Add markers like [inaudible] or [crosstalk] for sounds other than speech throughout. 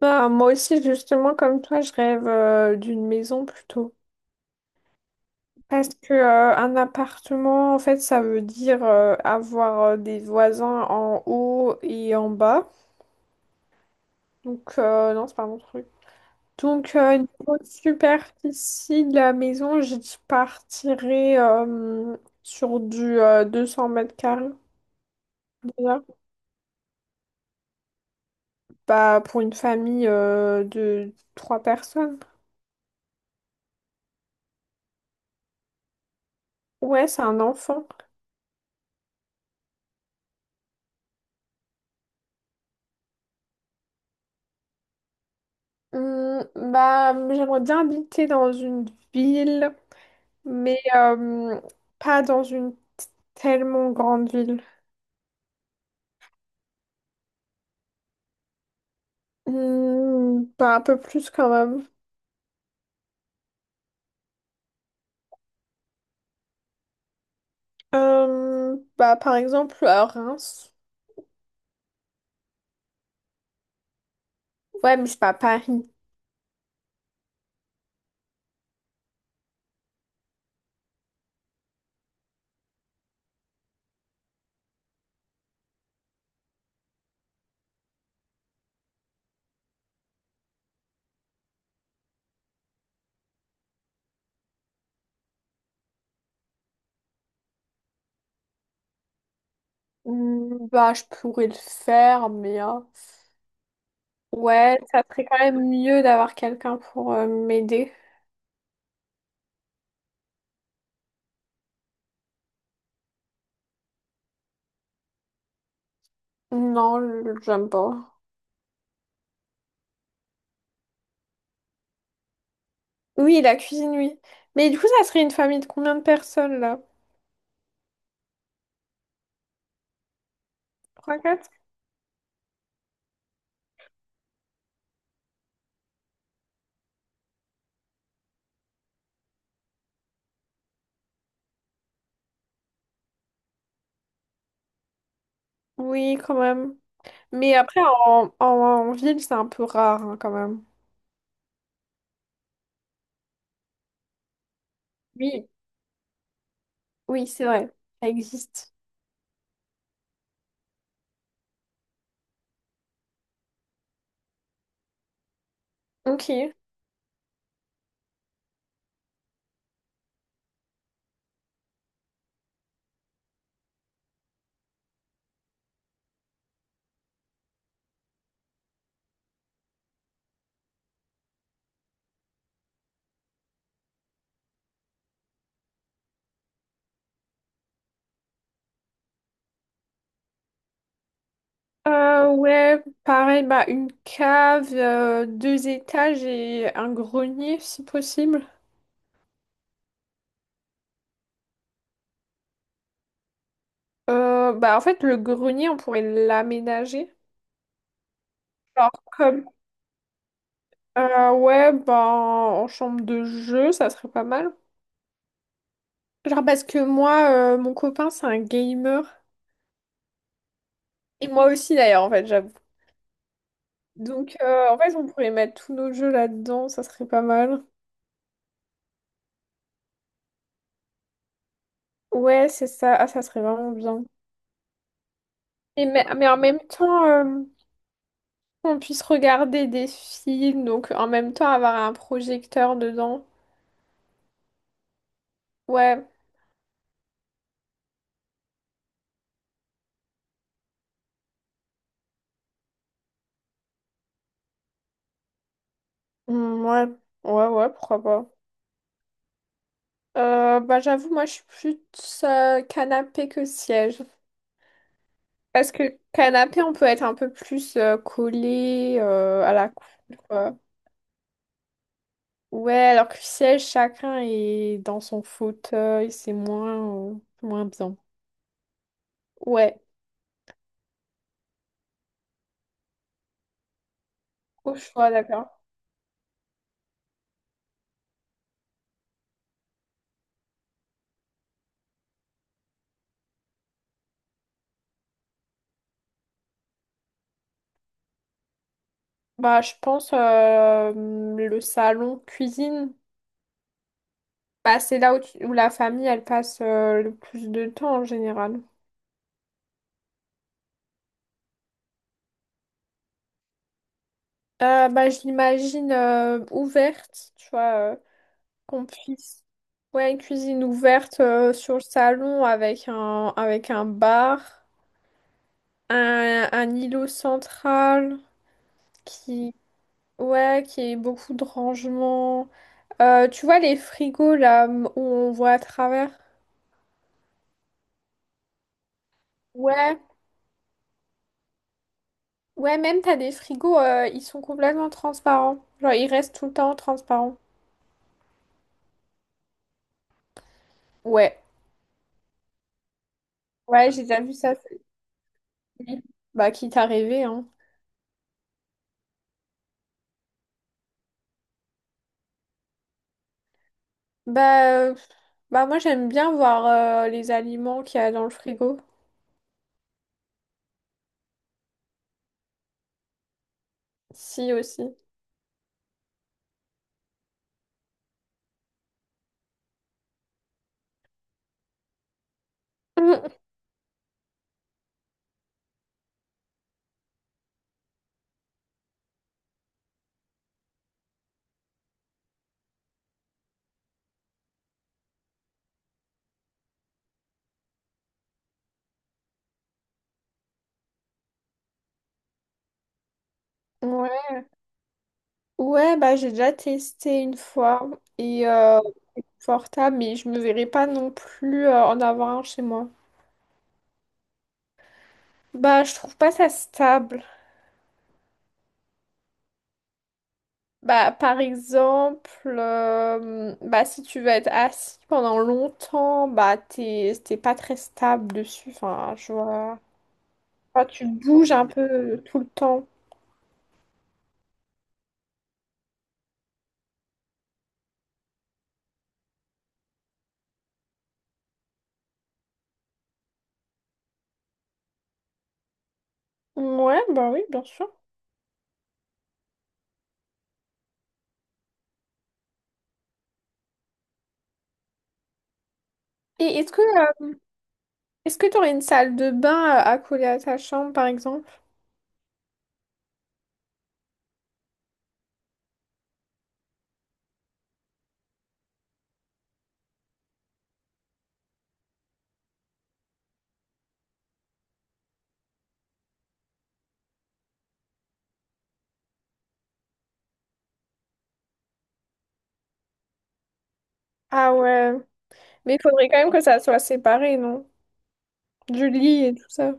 Moi aussi, justement, comme toi, je rêve d'une maison plutôt. Parce que un appartement, en fait, ça veut dire avoir des voisins en haut et en bas. Donc, non, c'est pas mon truc. Donc, niveau superficie de la maison, je partirais sur du 200 mètres carrés déjà. Bah, pour une famille de trois personnes. Ouais, c'est un enfant. Hum, Bah, j'aimerais bien habiter dans une ville, mais pas dans une tellement grande ville. Bah, un peu plus quand même. Bah, par exemple, à Reims. Ouais, mais c'est pas Paris. Bah, je pourrais le faire, mais ouais, ça serait quand même mieux d'avoir quelqu'un pour m'aider. Non, j'aime pas. Oui, la cuisine, oui. Mais du coup, ça serait une famille de combien de personnes là? Trois. Oui, quand même. Mais après, en ville, c'est un peu rare, hein, quand même. Oui, oui, c'est vrai. Ça existe. Ok. Ouais, pareil, bah, une cave, deux étages et un grenier, si possible. Bah, en fait, le grenier, on pourrait l'aménager. Genre, comme, ouais, bah, en chambre de jeu, ça serait pas mal. Genre, parce que moi, mon copain, c'est un gamer. Et moi aussi, d'ailleurs, en fait, j'avoue. Donc, en fait, on pourrait mettre tous nos jeux là-dedans, ça serait pas mal. Ouais, c'est ça. Ah, ça serait vraiment bien. Mais en même temps, on puisse regarder des films, donc en même temps avoir un projecteur dedans. Ouais. Hmm, ouais, ouais, ouais, pourquoi pas. Bah, j'avoue, moi, je suis plus canapé que siège. Parce que canapé, on peut être un peu plus collé à la coupe. Ouais, alors que le siège, chacun est dans son fauteuil, c'est moins, moins bien. Ouais, au choix, d'accord. Bah, je pense le salon cuisine. Bah, c'est là où la famille, elle passe le plus de temps en général. Bah, je l'imagine ouverte, tu vois, qu'on puisse... Ouais, une cuisine ouverte sur le salon avec avec un bar, un îlot central qui... Ouais, qu'il y ait beaucoup de rangement. Tu vois les frigos où on voit à travers? Ouais, ouais, même t'as des frigos, ils sont complètement transparents. Genre ils restent tout le temps transparents. Ouais, ouais, j'ai déjà vu ça. Bah quitte à rêver, hein. Bah, euh, Bah moi j'aime bien voir les aliments qu'il y a dans le frigo. Si aussi. [laughs] Mm. Ouais. Ouais, bah j'ai déjà testé une fois et euh, portable, mais je me verrais pas non plus en avoir un chez moi. Bah, je trouve pas ça stable. Bah, par exemple, bah, si tu veux être assis pendant longtemps, bah, t'es pas très stable dessus. Enfin, je vois. Enfin, tu bouges un peu tout le temps. Ouais, bah oui, bien sûr. Et est-ce que, euh, Est-ce que t'aurais une salle de bain à coller à ta chambre, par exemple? Ah ouais. Mais il faudrait quand même que ça soit séparé, non? Du lit et tout ça.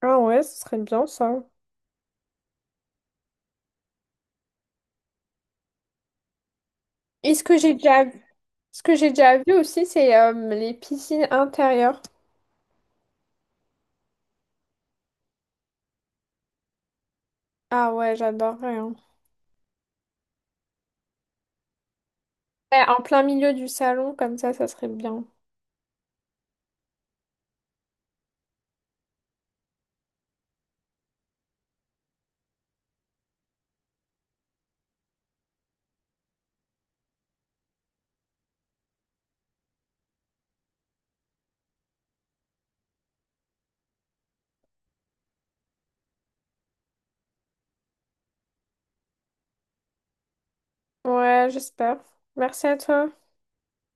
Ah ouais, ce serait bien ça. Et ce que j'ai déjà Ce que j'ai déjà vu aussi, c'est les piscines intérieures. Ah ouais, j'adorerais, hein. Ouais, en plein milieu du salon, comme ça serait bien. Ouais, j'espère. Merci à toi.